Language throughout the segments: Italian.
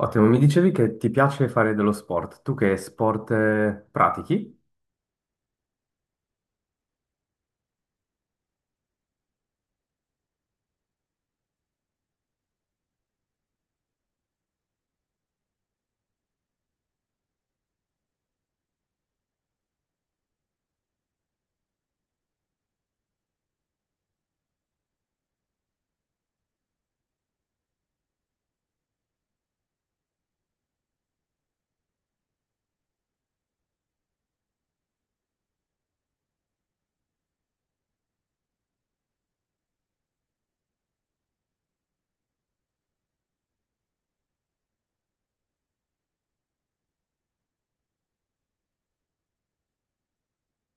Ottimo, mi dicevi che ti piace fare dello sport. Tu che sport pratichi?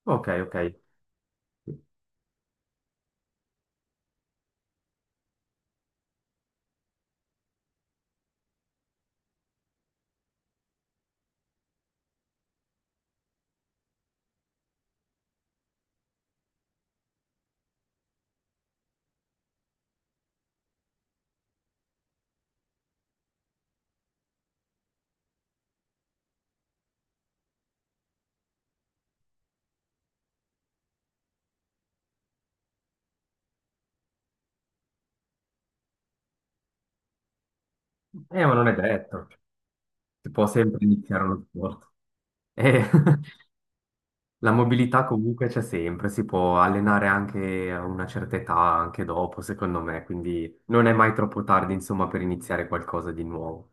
Ok, ok. Ma non è detto. Si può sempre iniziare uno sport. Eh, la mobilità comunque c'è sempre, si può allenare anche a una certa età, anche dopo, secondo me, quindi non è mai troppo tardi, insomma, per iniziare qualcosa di nuovo.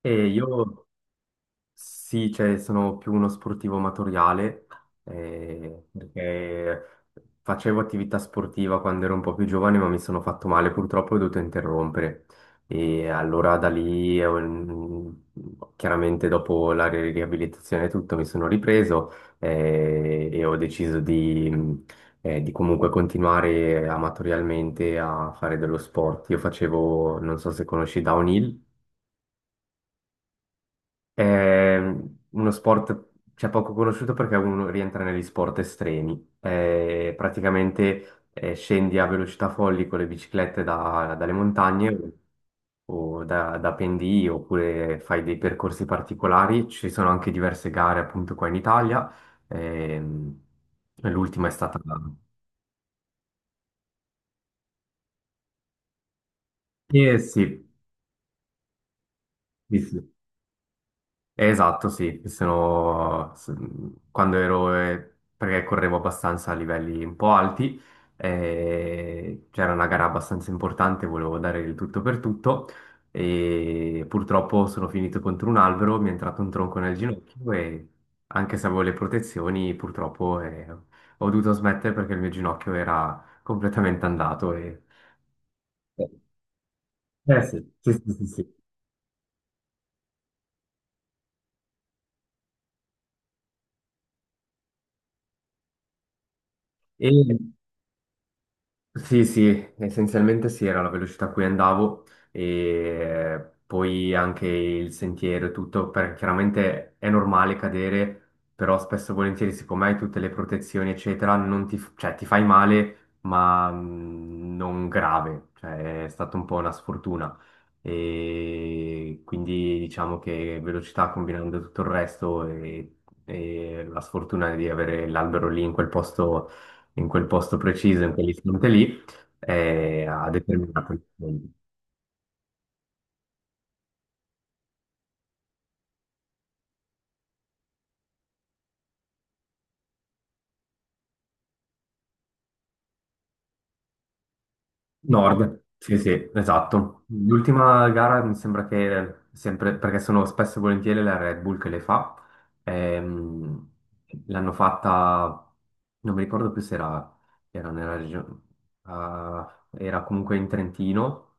E io sì, cioè, sono più uno sportivo amatoriale, perché facevo attività sportiva quando ero un po' più giovane, ma mi sono fatto male, purtroppo ho dovuto interrompere. E allora da lì, chiaramente dopo la riabilitazione e tutto, mi sono ripreso, e ho deciso di, di comunque continuare amatorialmente a fare dello sport. Io facevo, non so se conosci Downhill. È uno sport, cioè, poco conosciuto perché uno rientra negli sport estremi. Praticamente scendi a velocità folli con le biciclette dalle montagne o da pendii oppure fai dei percorsi particolari. Ci sono anche diverse gare appunto qua in Italia. Ehm, l'ultima è stata... Eh sì, sì, sì. Esatto, sì, quando ero, perché correvo abbastanza a livelli un po' alti, c'era una gara abbastanza importante, volevo dare il tutto per tutto e purtroppo sono finito contro un albero, mi è entrato un tronco nel ginocchio e anche se avevo le protezioni, purtroppo ho dovuto smettere perché il mio ginocchio era completamente andato. E... Eh sì, sì, sì, sì, sì. E- Sì, sì, essenzialmente sì, era la velocità a cui andavo e poi anche il sentiero e tutto, perché chiaramente è normale cadere, però spesso e volentieri, siccome hai tutte le protezioni, eccetera, non ti, f- cioè, ti fai male, ma non grave, cioè è stata un po' una sfortuna. E quindi diciamo che velocità combinando tutto il resto e la sfortuna di avere l'albero lì in quel posto preciso, in quell'istante lì, a determinate. Nord, sì, sì, esatto. L'ultima gara mi sembra che sempre, perché sono spesso e volentieri la Red Bull che le fa, ehm, l'hanno fatta, non mi ricordo più se era, era nella regione, ah, era comunque in Trentino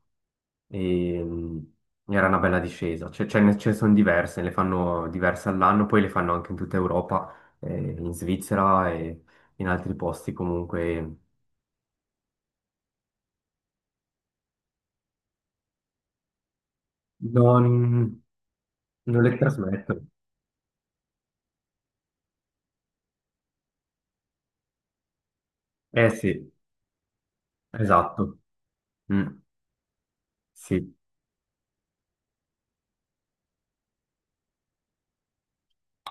e ehm, era una bella discesa. Cioè, ce ne sono diverse, ne fanno diverse all'anno, poi le fanno anche in tutta Europa, in Svizzera e in altri posti comunque. Non. Non le trasmettono. Eh sì, esatto. Mm, sì.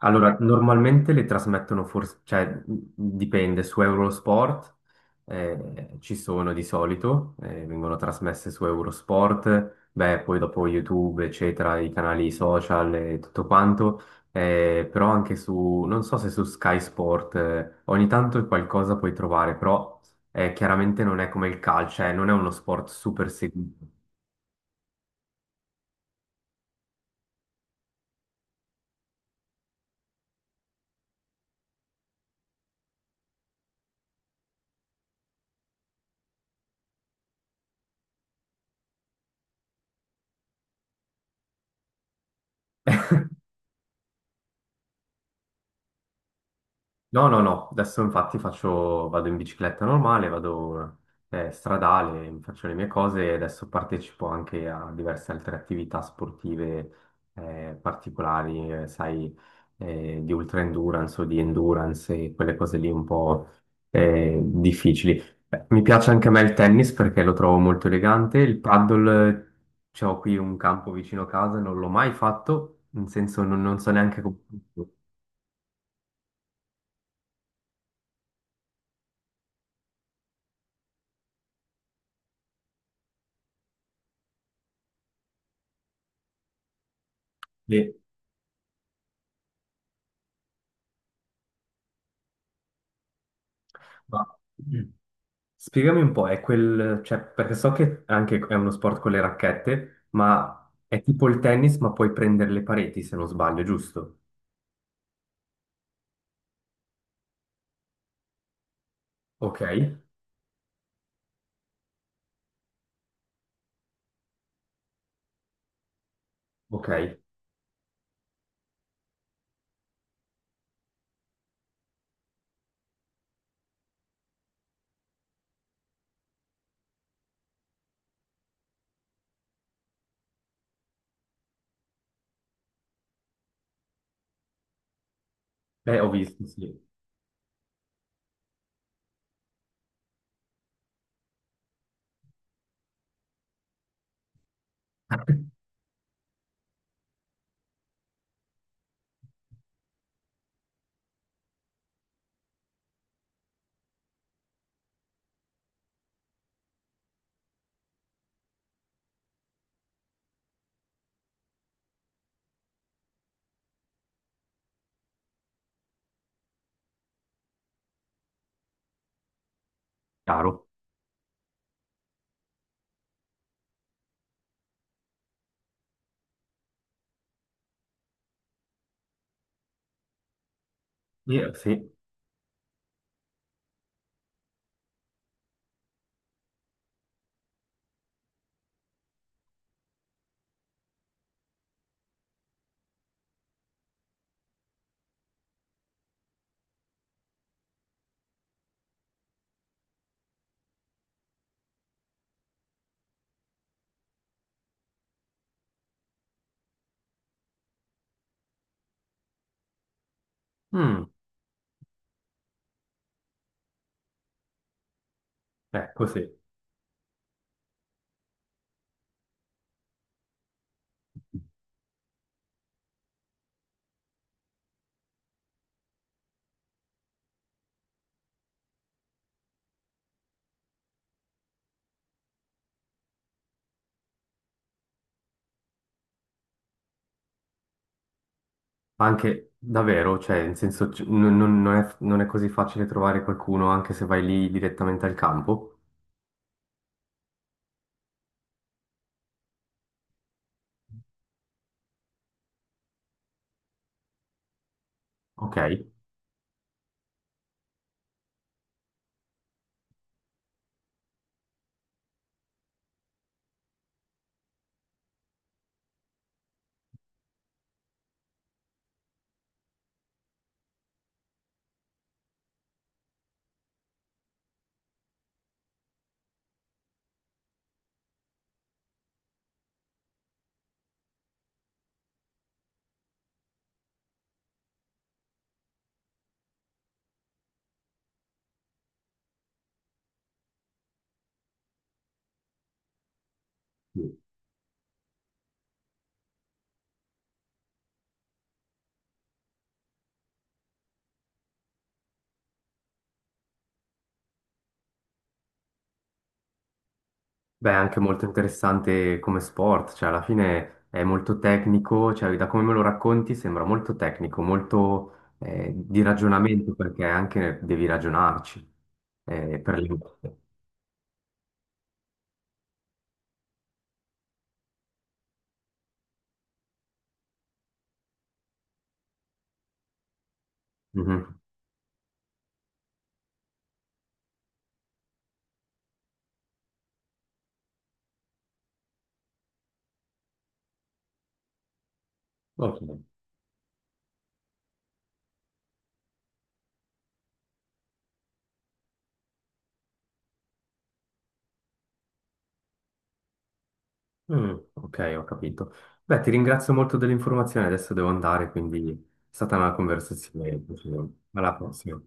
Allora, normalmente le trasmettono forse, cioè dipende, su Eurosport ci sono di solito, vengono trasmesse su Eurosport, beh, poi dopo YouTube, eccetera, i canali social e tutto quanto, però anche su, non so se su Sky Sport, ogni tanto qualcosa puoi trovare, però chiaramente non è come il calcio, non è uno sport super seguito. No, no, no, adesso infatti faccio, vado in bicicletta normale, vado stradale, faccio le mie cose e adesso partecipo anche a diverse altre attività sportive particolari, sai, di ultra endurance o di endurance e quelle cose lì un po' difficili. Beh, mi piace anche a me il tennis perché lo trovo molto elegante, il paddle, ho qui un campo vicino a casa, non l'ho mai fatto, nel senso non, non so neanche come... Sì. Ma- Spiegami un po', è quel, cioè, perché so che anche è uno sport con le racchette, ma è tipo il tennis, ma puoi prendere le pareti se non sbaglio, giusto? Ok, ok. Beh, ho visto, sì. Ah, chiaro. Sì. Mm, ecco, sì. Anche davvero, cioè, in senso, non è, non è così facile trovare qualcuno anche se vai lì direttamente al campo. Ok. Sì. Beh, è anche molto interessante come sport, cioè alla fine è molto tecnico, cioè da come me lo racconti sembra molto tecnico, molto di ragionamento perché anche devi ragionarci per le... Mhm. Ok, mm, ok, ho capito. Beh, ti ringrazio molto dell'informazione, adesso devo andare, quindi è stata una conversazione piacevole. Alla prossima.